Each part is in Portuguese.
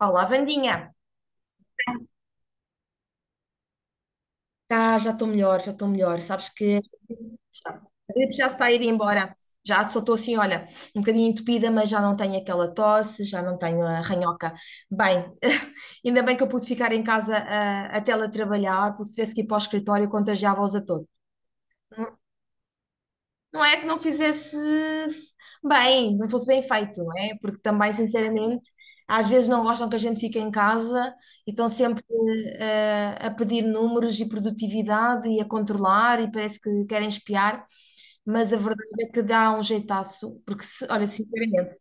Olá, Vandinha. Tá, já estou melhor, já estou melhor. Sabes que está. A gripe já se está a ir embora. Já só estou assim, olha, um bocadinho entupida, mas já não tenho aquela tosse, já não tenho a ranhoca. Bem, ainda bem que eu pude ficar em casa a teletrabalhar, porque se tivesse que ir para o escritório, contagiava-os a todos. Não é que não fizesse bem, não fosse bem feito, não é? Porque também, sinceramente, às vezes não gostam que a gente fique em casa e estão sempre a pedir números e produtividade e a controlar e parece que querem espiar, mas a verdade é que dá um jeitaço, porque se, olha, sinceramente,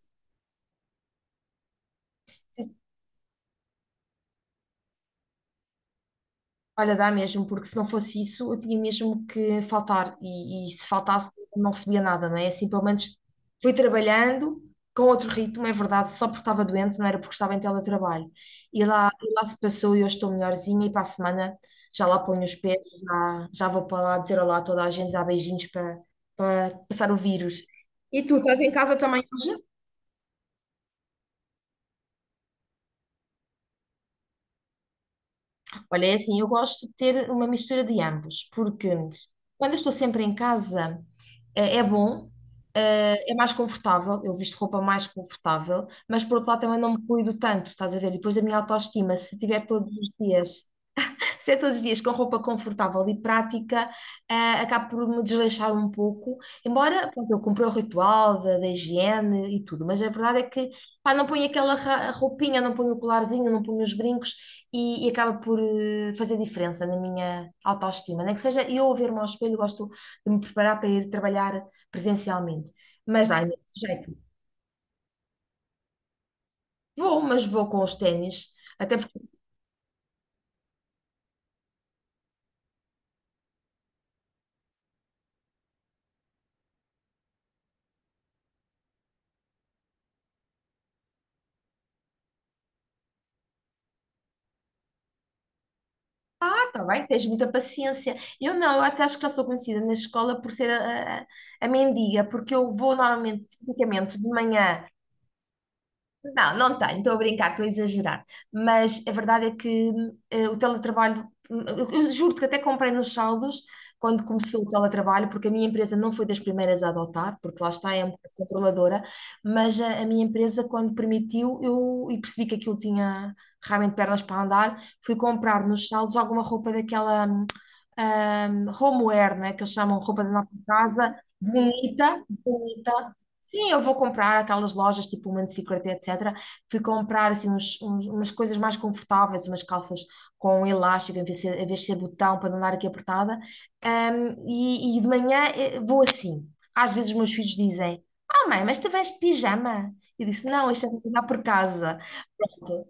olha, dá mesmo, porque se não fosse isso, eu tinha mesmo que faltar. E se faltasse, não recebia nada, não é? É assim, pelo menos fui trabalhando com outro ritmo, é verdade, só porque estava doente, não era porque estava em teletrabalho. E lá se passou e eu estou melhorzinha. E para a semana já lá ponho os pés, já, já vou para lá dizer olá a toda a gente, dar beijinhos para, para passar o vírus. E tu, estás em casa também hoje? Olha, é assim, eu gosto de ter uma mistura de ambos, porque quando eu estou sempre em casa, é bom, é mais confortável, eu visto roupa mais confortável, mas por outro lado também não me cuido tanto, estás a ver? E depois a minha autoestima, se tiver todos os dias ser todos os dias com roupa confortável e prática, acabo por me desleixar um pouco, embora pronto, eu cumpra o ritual da higiene e tudo, mas a verdade é que pá, não ponho aquela roupinha, não ponho o colarzinho, não ponho os brincos e acaba por fazer diferença na minha autoestima. Nem que seja eu a ver-me ao espelho, gosto de me preparar para ir trabalhar presencialmente, mas dá imenso jeito. Vou, mas vou com os ténis, até ah, tá bem, tens muita paciência. Eu não, eu até acho que já sou conhecida na escola por ser a mendiga, porque eu vou normalmente, tipicamente, de manhã não, não tenho, estou a brincar, estou a exagerar. Mas a verdade é que o teletrabalho, eu juro-te que até comprei nos saldos quando começou o teletrabalho, porque a minha empresa não foi das primeiras a adotar, porque lá está, é um bocado controladora, mas a minha empresa, quando permitiu, eu e percebi que aquilo tinha realmente pernas para andar, fui comprar nos saldos alguma roupa daquela homeware, né, que eles chamam roupa da nossa casa, bonita, bonita. Sim, eu vou comprar aquelas lojas tipo Human Secret, etc. Fui comprar assim uns, umas coisas mais confortáveis, umas calças com elástico em vez de ser, em vez de ser botão para não dar aqui apertada. E de manhã vou assim. Às vezes os meus filhos dizem: Ah, mãe, mas tu vens de pijama? Eu disse: Não, isto é para treinar por casa.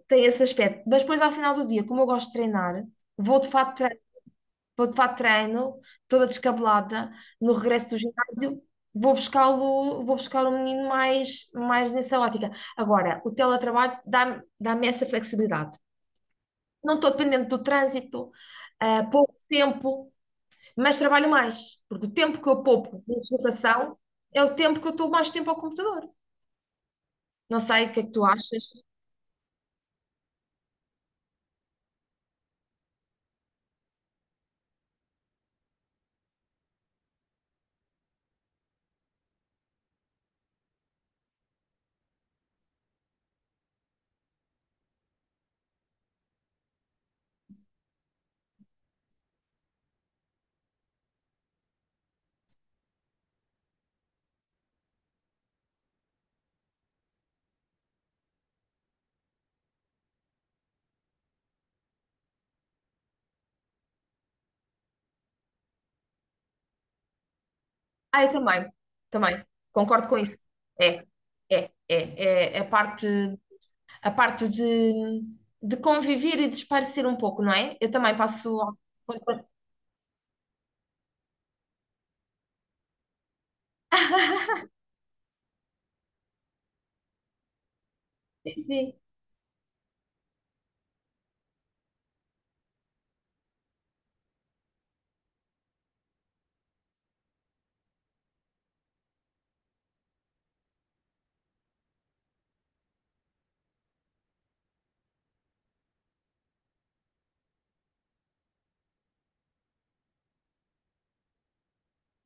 Tem esse aspecto. Mas depois, ao final do dia, como eu gosto de treinar, vou de fato, vou para treino, toda descabelada, no regresso do ginásio, vou buscá-lo, vou buscar o menino mais, mais nessa ótica. Agora, o teletrabalho dá-me essa flexibilidade. Não estou dependente do trânsito, pouco tempo, mas trabalho mais, porque o tempo que eu poupo de deslocação é o tempo que eu estou mais tempo ao computador. Não sei o que é que tu achas. Ah, eu também, também, concordo com isso. É, é, é, é a parte, a parte de conviver e de esparecer um pouco, não é? Eu também passo ao- sim.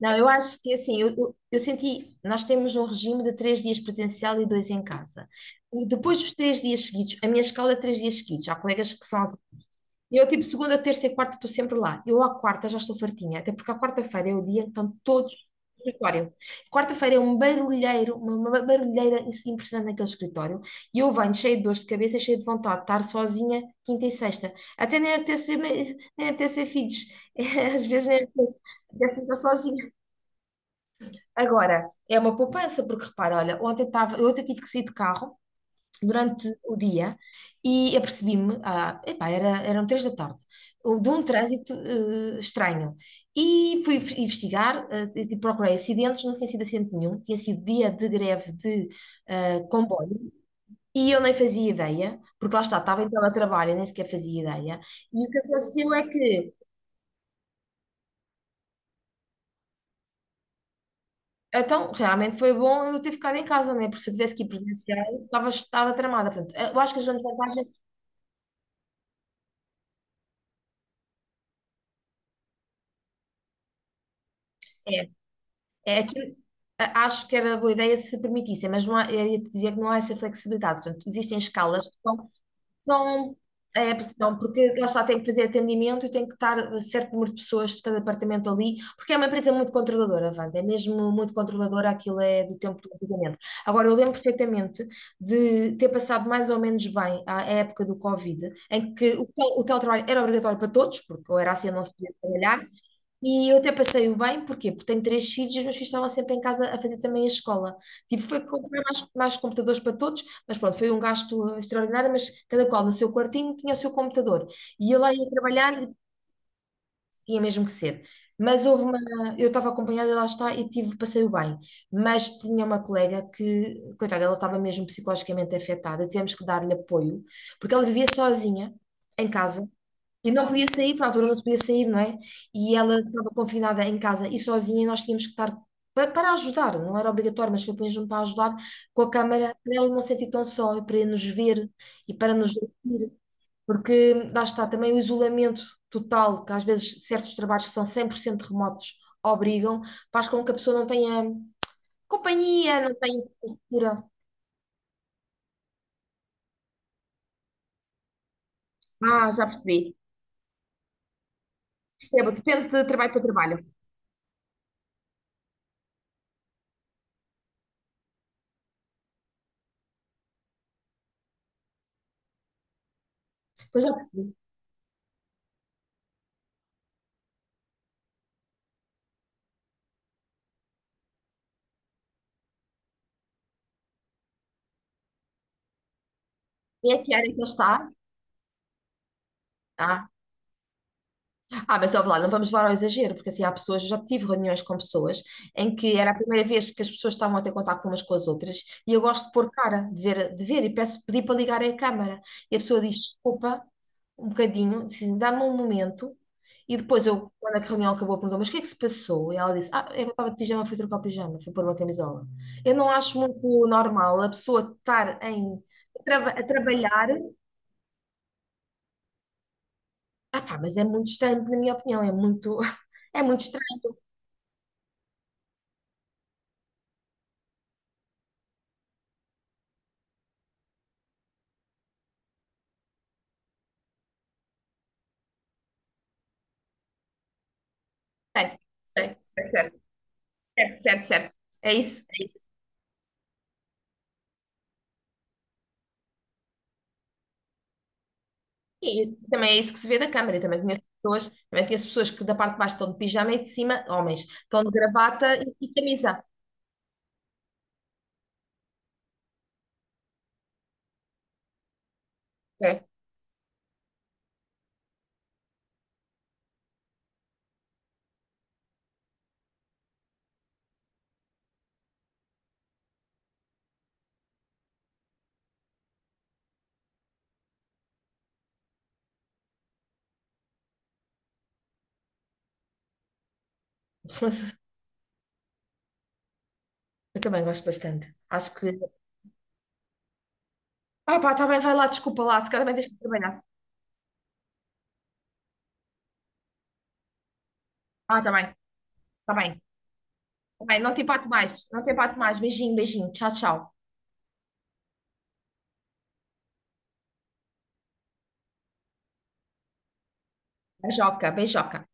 Não, eu acho que assim, eu senti, nós temos um regime de três dias presencial e dois em casa. E depois dos três dias seguidos, a minha escola é três dias seguidos. Há colegas que são e eu, tipo, segunda, terça e quarta estou sempre lá. Eu, à quarta, já estou fartinha, até porque à quarta-feira é o dia em que estão todos no escritório. Quarta-feira é um barulheiro, uma barulheira impressionante naquele escritório. E eu venho cheia de dores de cabeça, e cheia de vontade de estar sozinha quinta e sexta. Até nem apetece ver, nem apetece ver filhos. Às vezes nem apetece apetece estar sozinha. Agora, é uma poupança, porque repara, olha, ontem, estava eu ontem tive que sair de carro durante o dia e apercebi-me, ah, epá, era, eram três da tarde, o- de um trânsito estranho. E fui investigar, e procurei acidentes, não tinha sido acidente nenhum, tinha sido dia de greve de comboio. E eu nem fazia ideia, porque lá está, estava em teletrabalho, eu nem sequer fazia ideia. E o que aconteceu é que, então, realmente foi bom eu ter ficado em casa, né? Porque se eu tivesse que ir presencial, estava, estava tramada. Portanto, eu acho que as grandes vantagens é É que, acho que era boa ideia se permitissem, mas não há, eu ia te dizer que não há essa flexibilidade. Portanto, existem escalas que são, são, porque lá está, tem que fazer atendimento e tem que estar certo número de pessoas de cada apartamento ali, porque é uma empresa muito controladora, Wanda, é mesmo muito controladora, aquilo é do tempo do antigamente. Agora, eu lembro perfeitamente de ter passado mais ou menos bem a época do Covid, em que o teletrabalho era obrigatório para todos, porque ou era assim ou não se podia trabalhar, e eu até passei o bem, porquê? Porque tenho três filhos e os meus filhos estavam sempre em casa a fazer também a escola. Tive foi que comprar mais, mais computadores para todos, mas pronto, foi um gasto extraordinário, mas cada qual no seu quartinho tinha o seu computador. E eu lá ia trabalhar, e tinha mesmo que ser. Mas houve uma, eu estava acompanhada, lá está, e tive, passei o bem. Mas tinha uma colega que, coitada, ela estava mesmo psicologicamente afetada, tivemos que dar-lhe apoio, porque ela vivia sozinha em casa e não podia sair, para a altura não se podia sair, não é? E ela estava confinada em casa e sozinha, e nós tínhamos que estar para ajudar, não era obrigatório, mas foi mesmo para ajudar com a câmara, para ela não se sentir tão só, e para nos ver e para nos ouvir, porque lá está também o isolamento total, que às vezes certos trabalhos que são 100% remotos obrigam, faz com que a pessoa não tenha companhia, não tenha cultura. Ah, já percebi. Percebo, depende de trabalho para trabalho. Pois já percebi. E que área que ele está? Ah. Ah, mas ouve lá, não vamos levar ao exagero, porque assim há pessoas, eu já tive reuniões com pessoas em que era a primeira vez que as pessoas estavam a ter contacto umas com as outras e eu gosto de pôr cara, de ver e peço, pedi para ligarem a câmara. E a pessoa diz desculpa, um bocadinho, assim, dá-me um momento. E depois eu, quando a reunião acabou, perguntou, mas o que é que se passou? E ela disse, ah, eu estava de pijama, fui trocar o pijama, fui pôr uma camisola. Eu não acho muito normal a pessoa estar em, a trabalhar, ah pá, mas é muito estranho, na minha opinião, é muito, é muito estranho. Sei, sei, sei, certo, certo. É isso, é isso. E também é isso que se vê da câmara. Eu também conheço pessoas que da parte de baixo estão de pijama e de cima, homens, estão de gravata e camisa. É. Eu também gosto bastante. Acho que. Ah, pá, está bem, vai lá, desculpa lá, se calhar também tens que trabalhar. Ah, está bem, está bem, está bem, não te empato mais. Beijinho, beijinho, tchau, tchau. Beijoca, beijoca.